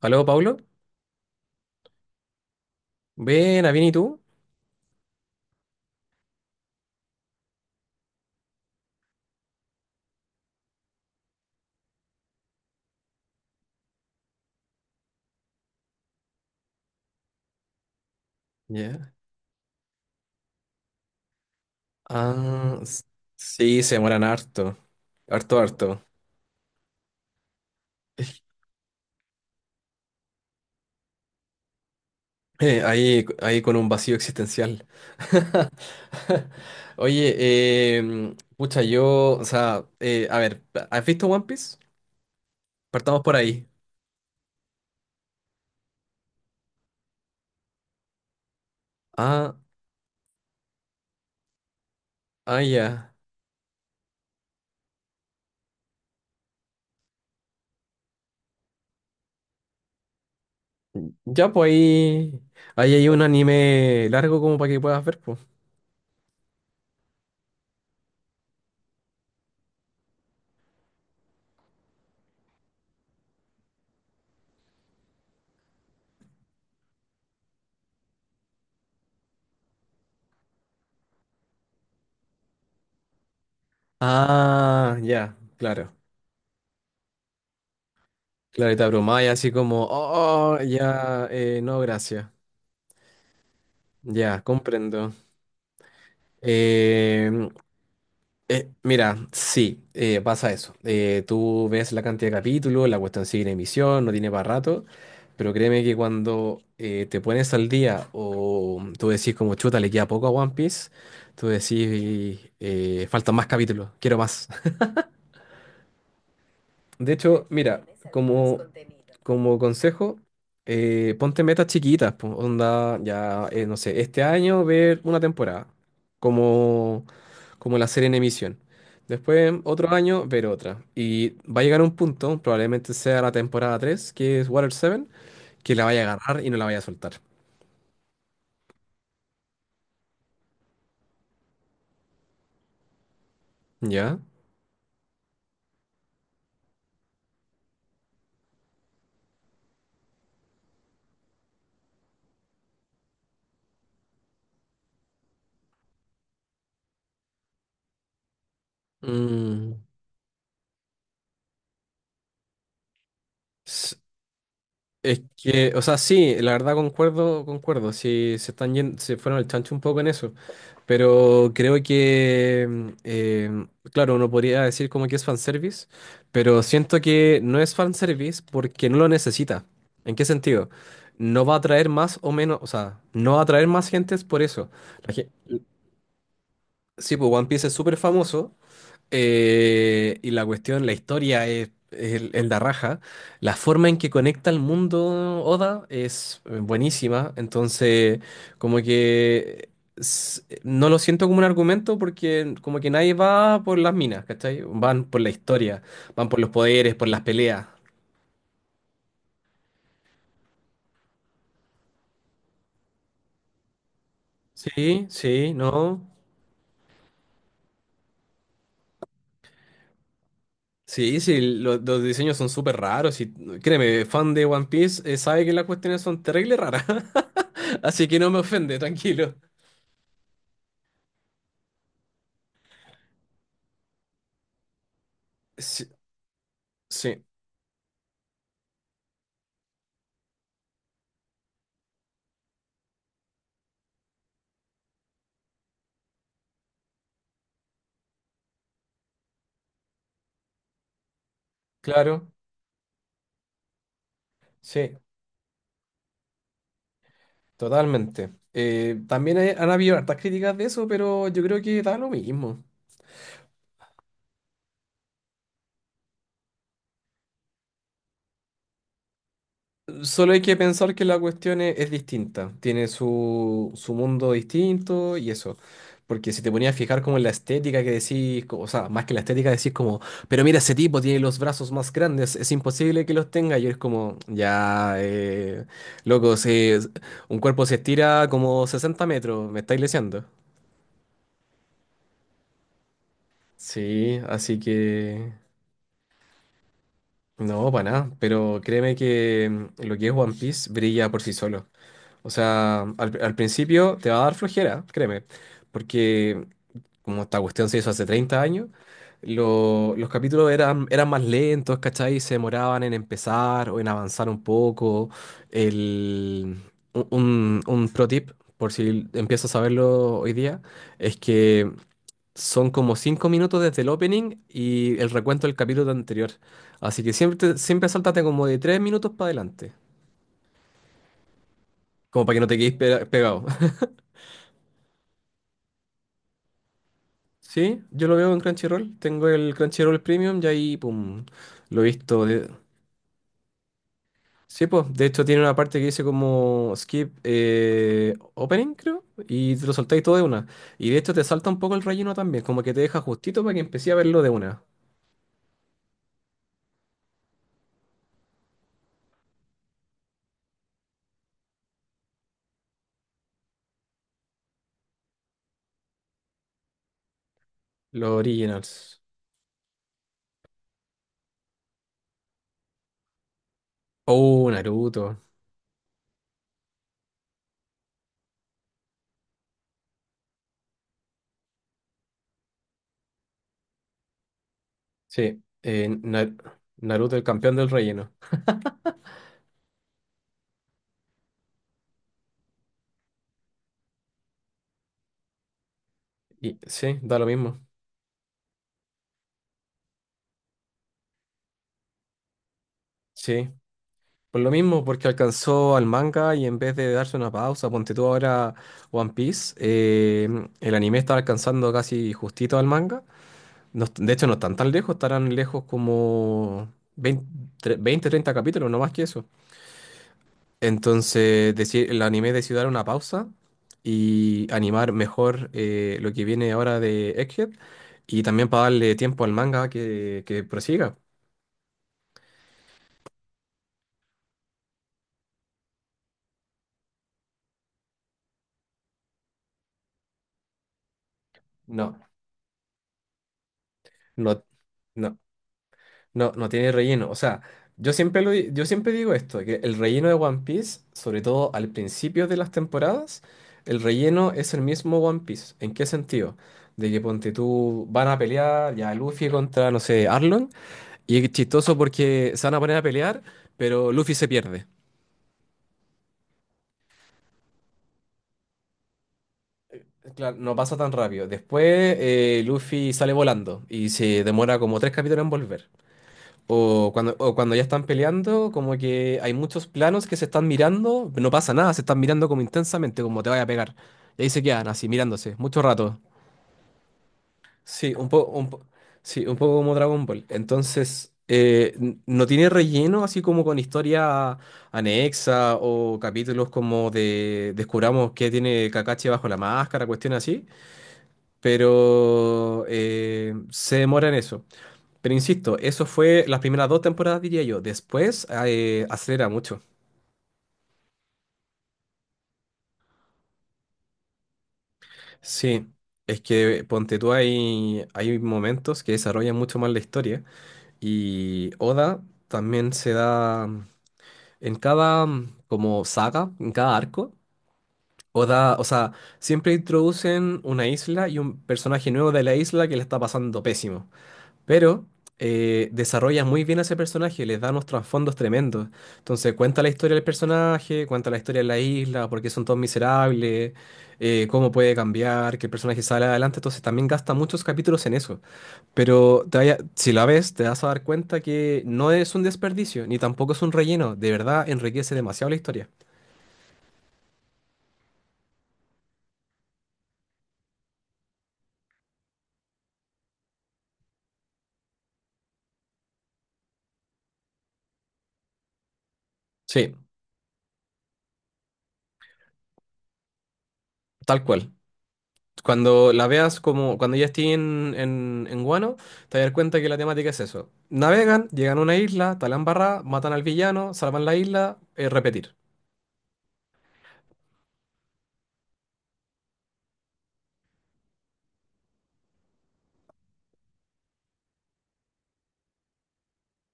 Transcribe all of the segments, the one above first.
Aló, Paulo. Buena, bien, ¿y tú? Ya. Ah, sí, se demoran harto. Harto, harto. Ahí con un vacío existencial. Oye, pucha, yo, o sea, a ver, ¿has visto One Piece? Partamos por ahí. Ah, ah, ya. Ya, pues ahí hay un anime largo como para que puedas ver, pues. Ah, ya, claro. Claro, y te abrumáis así como, oh, ya, no, gracias. Ya, comprendo. Em, Mira, sí, pasa eso. Tú ves la cantidad de capítulos, la cuestión sigue en emisión, no tiene para rato, pero créeme que cuando te pones al día o tú decís como chuta, le queda poco a One Piece, tú decís faltan más capítulos, quiero más. De hecho, mira, como, como consejo, ponte metas chiquitas, po, onda, ya, no sé, este año ver una temporada. Como... como la serie en emisión. Después, otro año, ver otra. Y va a llegar un punto, probablemente sea la temporada 3 que es Water 7, que la vaya a agarrar y no la vaya a soltar. ¿Ya? Mm. Es que, o sea, sí, la verdad concuerdo, concuerdo, sí, se fueron al chancho un poco en eso, pero creo que, claro, uno podría decir como que es fanservice, pero siento que no es fanservice porque no lo necesita. ¿En qué sentido? No va a atraer más o menos, o sea, no va a atraer más gentes por eso. La gen- Sí, pues One Piece es súper famoso, y la cuestión, la historia es el de raja. La forma en que conecta el mundo Oda es buenísima. Entonces, como que no lo siento como un argumento porque como que nadie va por las minas, ¿cachai? Van por la historia, van por los poderes, por las peleas. Sí, sí, no. Sí, sí, los diseños son súper raros y créeme, fan de One Piece sabe que las cuestiones son terrible raras, así que no me ofende, tranquilo. Sí, sí, claro, sí, totalmente. También han habido hartas críticas de eso, pero yo creo que da lo mismo. Solo hay que pensar que la cuestión es distinta, tiene su mundo distinto y eso. Porque si te ponías a fijar como en la estética que decís, o sea, más que la estética decís como, pero mira, ese tipo tiene los brazos más grandes, es imposible que los tenga. Y es como, ya, loco, si es- un cuerpo se estira como 60 metros, me estáis leseando. Sí, así que... No, para nada, pero créeme que lo que es One Piece brilla por sí solo. O sea, al principio te va a dar flojera, créeme, porque como esta cuestión se hizo hace 30 años, los capítulos eran más lentos, ¿cachai? Se demoraban en empezar o en avanzar un poco. El, un pro tip, por si empiezas a verlo hoy día, es que son como 5 minutos desde el opening y el recuento del capítulo anterior. Así que siempre, siempre sáltate como de 3 minutos para adelante. Como para que no te quedes pegado. Sí, yo lo veo en Crunchyroll. Tengo el Crunchyroll Premium y ahí, pum, lo he visto. Sí, pues, de hecho tiene una parte que dice como skip opening, creo, y te lo saltáis todo de una. Y de hecho te salta un poco el relleno también, como que te deja justito para que empecé a verlo de una. Los originals. Oh, Naruto. Sí, Naruto el campeón del relleno. Y sí, da lo mismo. Sí, por lo mismo, porque alcanzó al manga y en vez de darse una pausa, ponte tú ahora One Piece, el anime está alcanzando casi justito al manga. De hecho, no están tan lejos, estarán lejos como 20, 30 capítulos, no más que eso. Entonces, decir, el anime decidió dar una pausa y animar mejor lo que viene ahora de Egghead y también para darle tiempo al manga que prosiga. No, no, no, no, no tiene relleno. O sea, yo siempre, yo siempre digo esto, que el relleno de One Piece, sobre todo al principio de las temporadas, el relleno es el mismo One Piece. ¿En qué sentido? De que ponte tú, van a pelear ya Luffy contra, no sé, Arlong. Y es chistoso porque se van a poner a pelear, pero Luffy se pierde. Claro, no pasa tan rápido. Después, Luffy sale volando y se demora como 3 capítulos en volver. O cuando ya están peleando, como que hay muchos planos que se están mirando, no pasa nada, se están mirando como intensamente, como te vaya a pegar. Y ahí se quedan así, mirándose, mucho rato. Sí, un poco, sí, un poco como Dragon Ball. Entonces, no tiene relleno así como con historia anexa o capítulos como de descubramos qué tiene Kakashi bajo la máscara, cuestiones así. Pero se demora en eso. Pero insisto, eso fue las primeras 2 temporadas, diría yo. Después, acelera mucho. Sí, es que ponte tú, hay momentos que desarrollan mucho más la historia. Y Oda también se da. En cada, como saga, en cada arco, Oda, o sea, siempre introducen una isla y un personaje nuevo de la isla que le está pasando pésimo. Pero desarrolla muy bien a ese personaje, les da unos trasfondos tremendos. Entonces cuenta la historia del personaje, cuenta la historia de la isla, por qué son todos miserables, cómo puede cambiar, que el personaje sale adelante. Entonces también gasta muchos capítulos en eso. Si la ves, te vas a dar cuenta que no es un desperdicio, ni tampoco es un relleno. De verdad, enriquece demasiado la historia. Sí, tal cual. Cuando la veas como cuando ya esté en Guano, te vas a dar cuenta que la temática es eso. Navegan, llegan a una isla, talan barra, matan al villano, salvan la isla, repetir.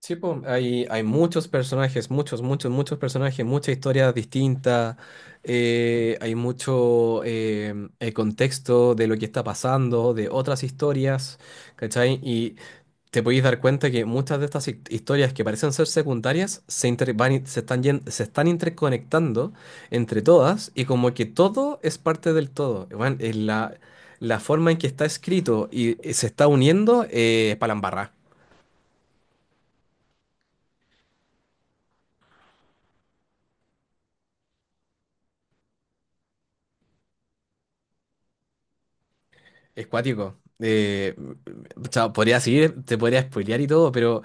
Sí, po, hay muchos personajes, muchos, muchos, muchos personajes, muchas historias distintas, hay mucho contexto de lo que está pasando, de otras historias, ¿cachai? Y te podéis dar cuenta que muchas de estas historias que parecen ser secundarias se, inter- van in- se están, yen- se están interconectando entre todas y como que todo es parte del todo. Bueno, es la forma en que está escrito y se está uniendo, palambarra. Es cuático. Chao, podría seguir, te podría spoilear y todo, pero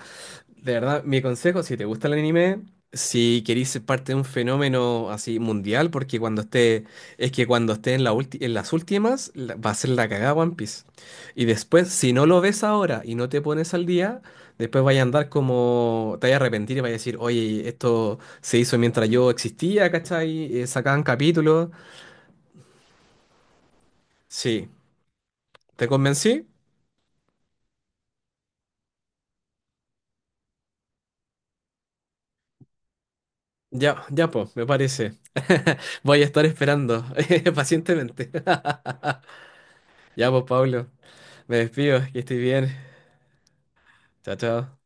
de verdad, mi consejo, si te gusta el anime, si queréis ser parte de un fenómeno así mundial, porque cuando esté, es que cuando esté en las últimas, va a ser la cagada One Piece. Y después, si no lo ves ahora y no te pones al día, después vaya a andar como, te vaya a arrepentir y vaya a decir, oye, esto se hizo mientras yo existía, ¿cachai? Sacaban capítulos. Sí, ¿te convencí? Ya, ya, pues, me parece. Voy a estar esperando pacientemente. Ya, pues, Pablo, me despido, que estoy bien. Chao, chao.